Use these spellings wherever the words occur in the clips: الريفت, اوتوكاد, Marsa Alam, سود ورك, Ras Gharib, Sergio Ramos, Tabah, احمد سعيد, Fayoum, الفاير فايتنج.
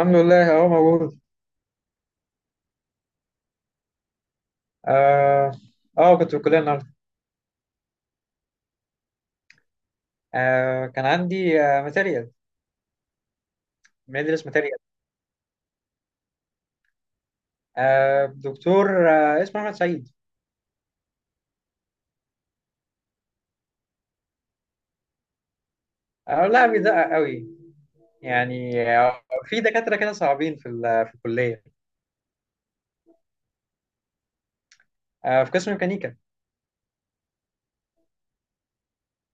الحمد لله، اهو موجود. اه. اه، كنت في الكليه النهارده. كان عندي ماتيريال. بندرس ماتيريال. دكتور اسمه احمد سعيد. آه، لا، بيدقق قوي. يعني في دكاتره كده صعبين في الكليه. في قسم ميكانيكا.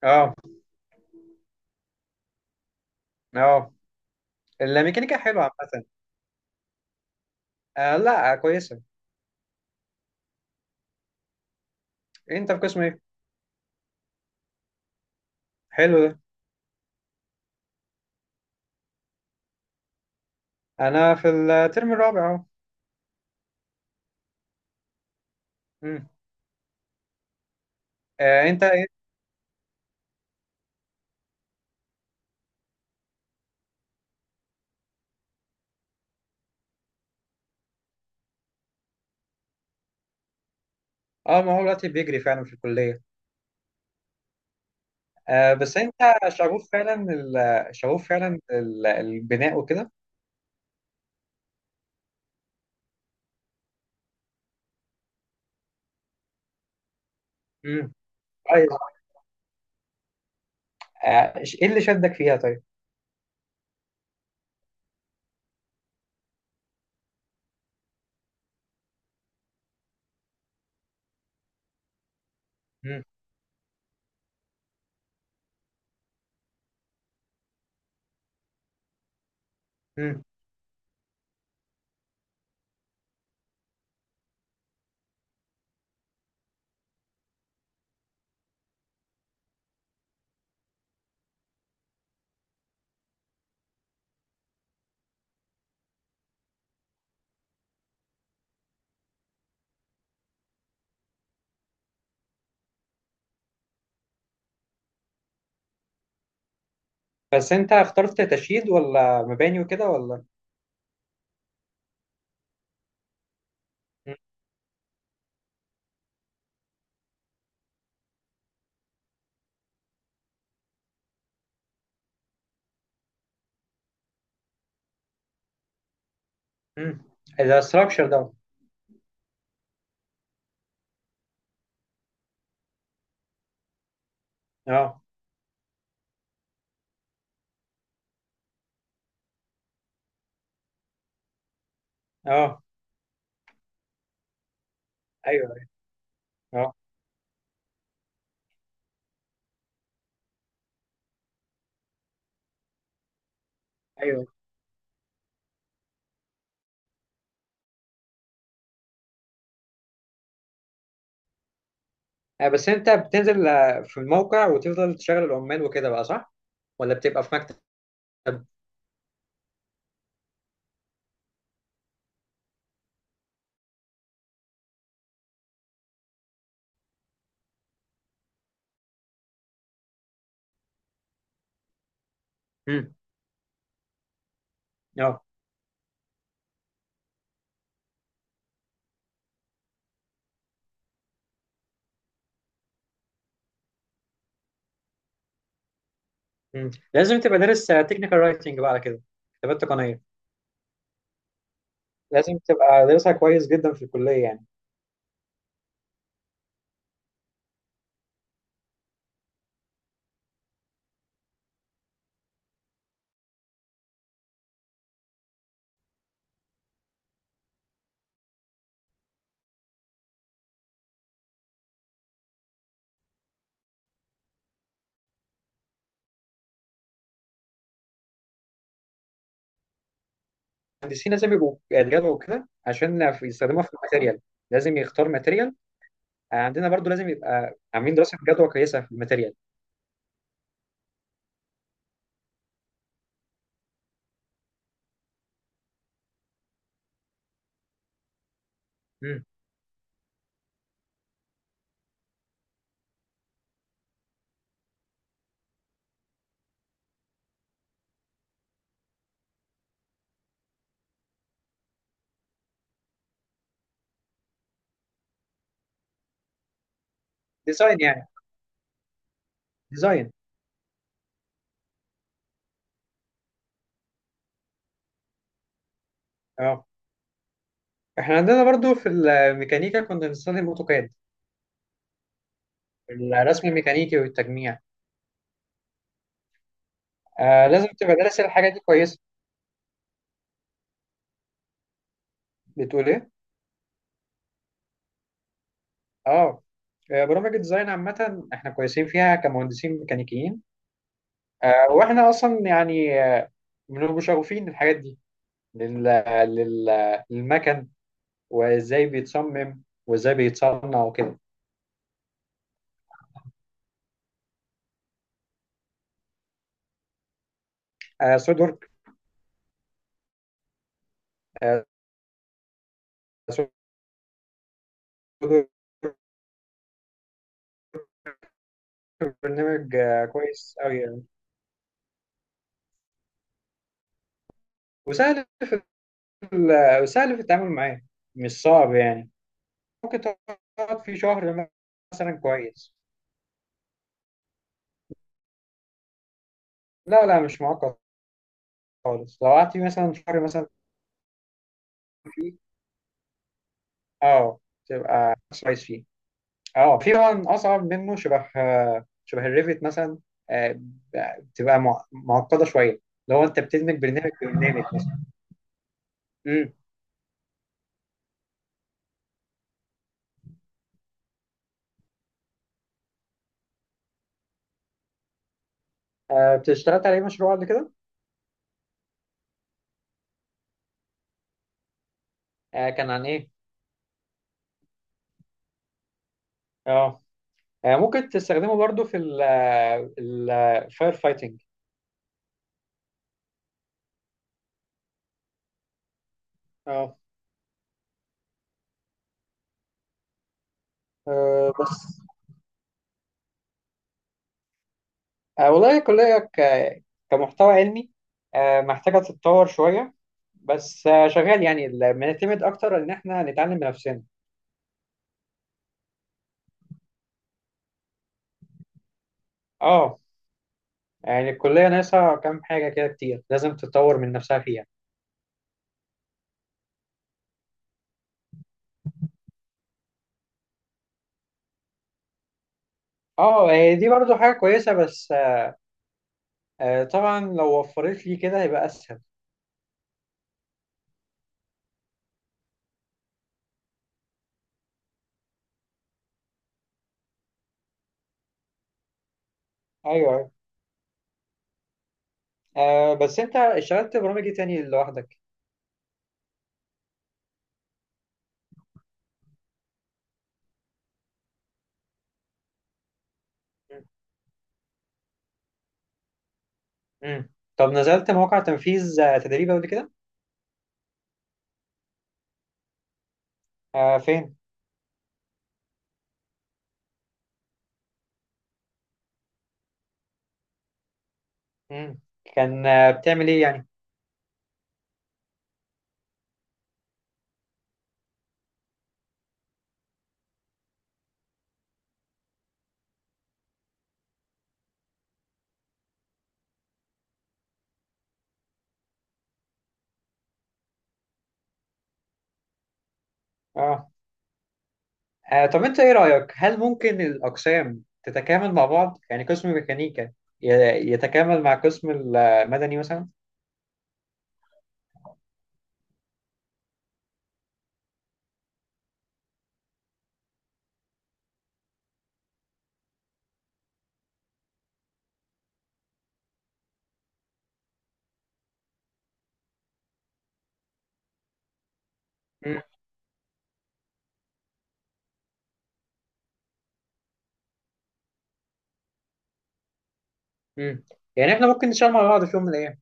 اه. اه، الميكانيكا حلوه عامه. آه، لا، كويسه. انت في قسم ايه؟ حلو ده. انا في الترم الرابع اهو. مم. انت ايه؟ اه، ما هو دلوقتي بيجري فعلا في الكليه. بس انت البناء وكده. امم، طيب. ايه اللي شدك فيها، طيب؟ امم. امم. بس انت اخترت تشييد ولا مباني وكده ولا؟ امم. ده ستراكشر ده؟ اه. اه. ايوه. اه. ايوه. بس انت بتنزل في الموقع، وتفضل تشغل العمال وكده بقى، صح؟ ولا بتبقى في مكتب؟ امم. اه. مم. لازم تبقى دارس تكنيكال رايتنج بقى على كده. كتابات تقنيه. لازم تبقى دارسها كويس جدا في الكليه يعني. المهندسين لازم يبقوا يدرسوا كده عشان يستخدموها في الماتيريال. لازم يختار ماتيريال. عندنا برضو لازم يبقى عاملين دراسة جدوى كويسة في الماتيريال. مم. ديزاين يعني؟ ديزاين. اه، احنا عندنا برضو في الميكانيكا كنا بنستخدم اوتوكاد. الرسم الميكانيكي والتجميع. لازم تبقى دارس الحاجة دي كويس. بتقول ايه؟ اه. برامج الديزاين عامة احنا كويسين فيها كمهندسين ميكانيكيين. واحنا اصلا يعني بنبقى شغوفين الحاجات دي لل... لل... للمكن، وازاي بيتصمم وازاي بيتصنع وكده. سود ورك. آه سود ورك، برنامج كويس قوي يعني. وسهل. وسهل في التعامل معاه. مش صعب يعني. ممكن تقعد فيه شهر مثلا، كويس. لا، لا، مش معقد خالص. لو قعدت فيه مثلا شهر مثلا فيه. اه. تبقى كويس فيه. اه، في طبعا اصعب منه، شبه الريفت مثلا. آه، بتبقى معقده شويه. لو انت بتدمج برنامج مثلا. اشتغلت عليه مشروع قبل كده؟ كان عن ايه؟ اه. ممكن تستخدمه برضو في الفاير فايتنج. اه. بس. والله الكلية كمحتوى علمي، محتاجة تتطور شوية. بس شغال يعني، بنعتمد أكتر إن إحنا نتعلم بنفسنا. اه. يعني الكلية ناقصة كام حاجة كده كتير، لازم تتطور من نفسها فيها. اه، دي برضو حاجة كويسة، بس طبعا لو وفرت لي كده هيبقى أسهل. أيوه. بس انت اشتغلت برامج ايه تاني لوحدك؟ مم. مم. طب نزلت مواقع تنفيذ تدريب قبل كده؟ فين؟ مم. كان بتعمل ايه يعني؟ اه. طب انت ايه رأيك، هل ممكن الاقسام تتكامل مع بعض؟ يعني قسم ميكانيكا يتكامل مع قسم المدني مثلا؟ مم. مم. يعني احنا ممكن نشتغل مع بعض في يوم من الايام.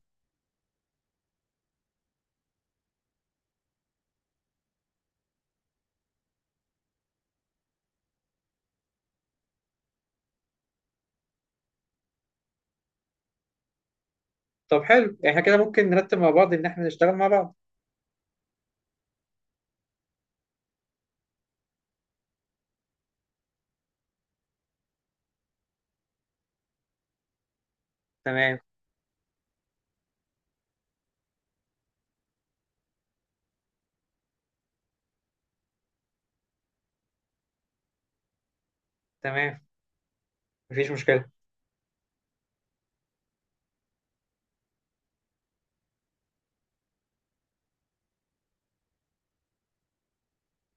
طب حلو، احنا كده ممكن نرتب مع بعض ان احنا نشتغل مع بعض. تمام. تمام. مفيش مشكلة.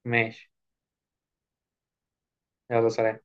ماشي. يلا، سلام.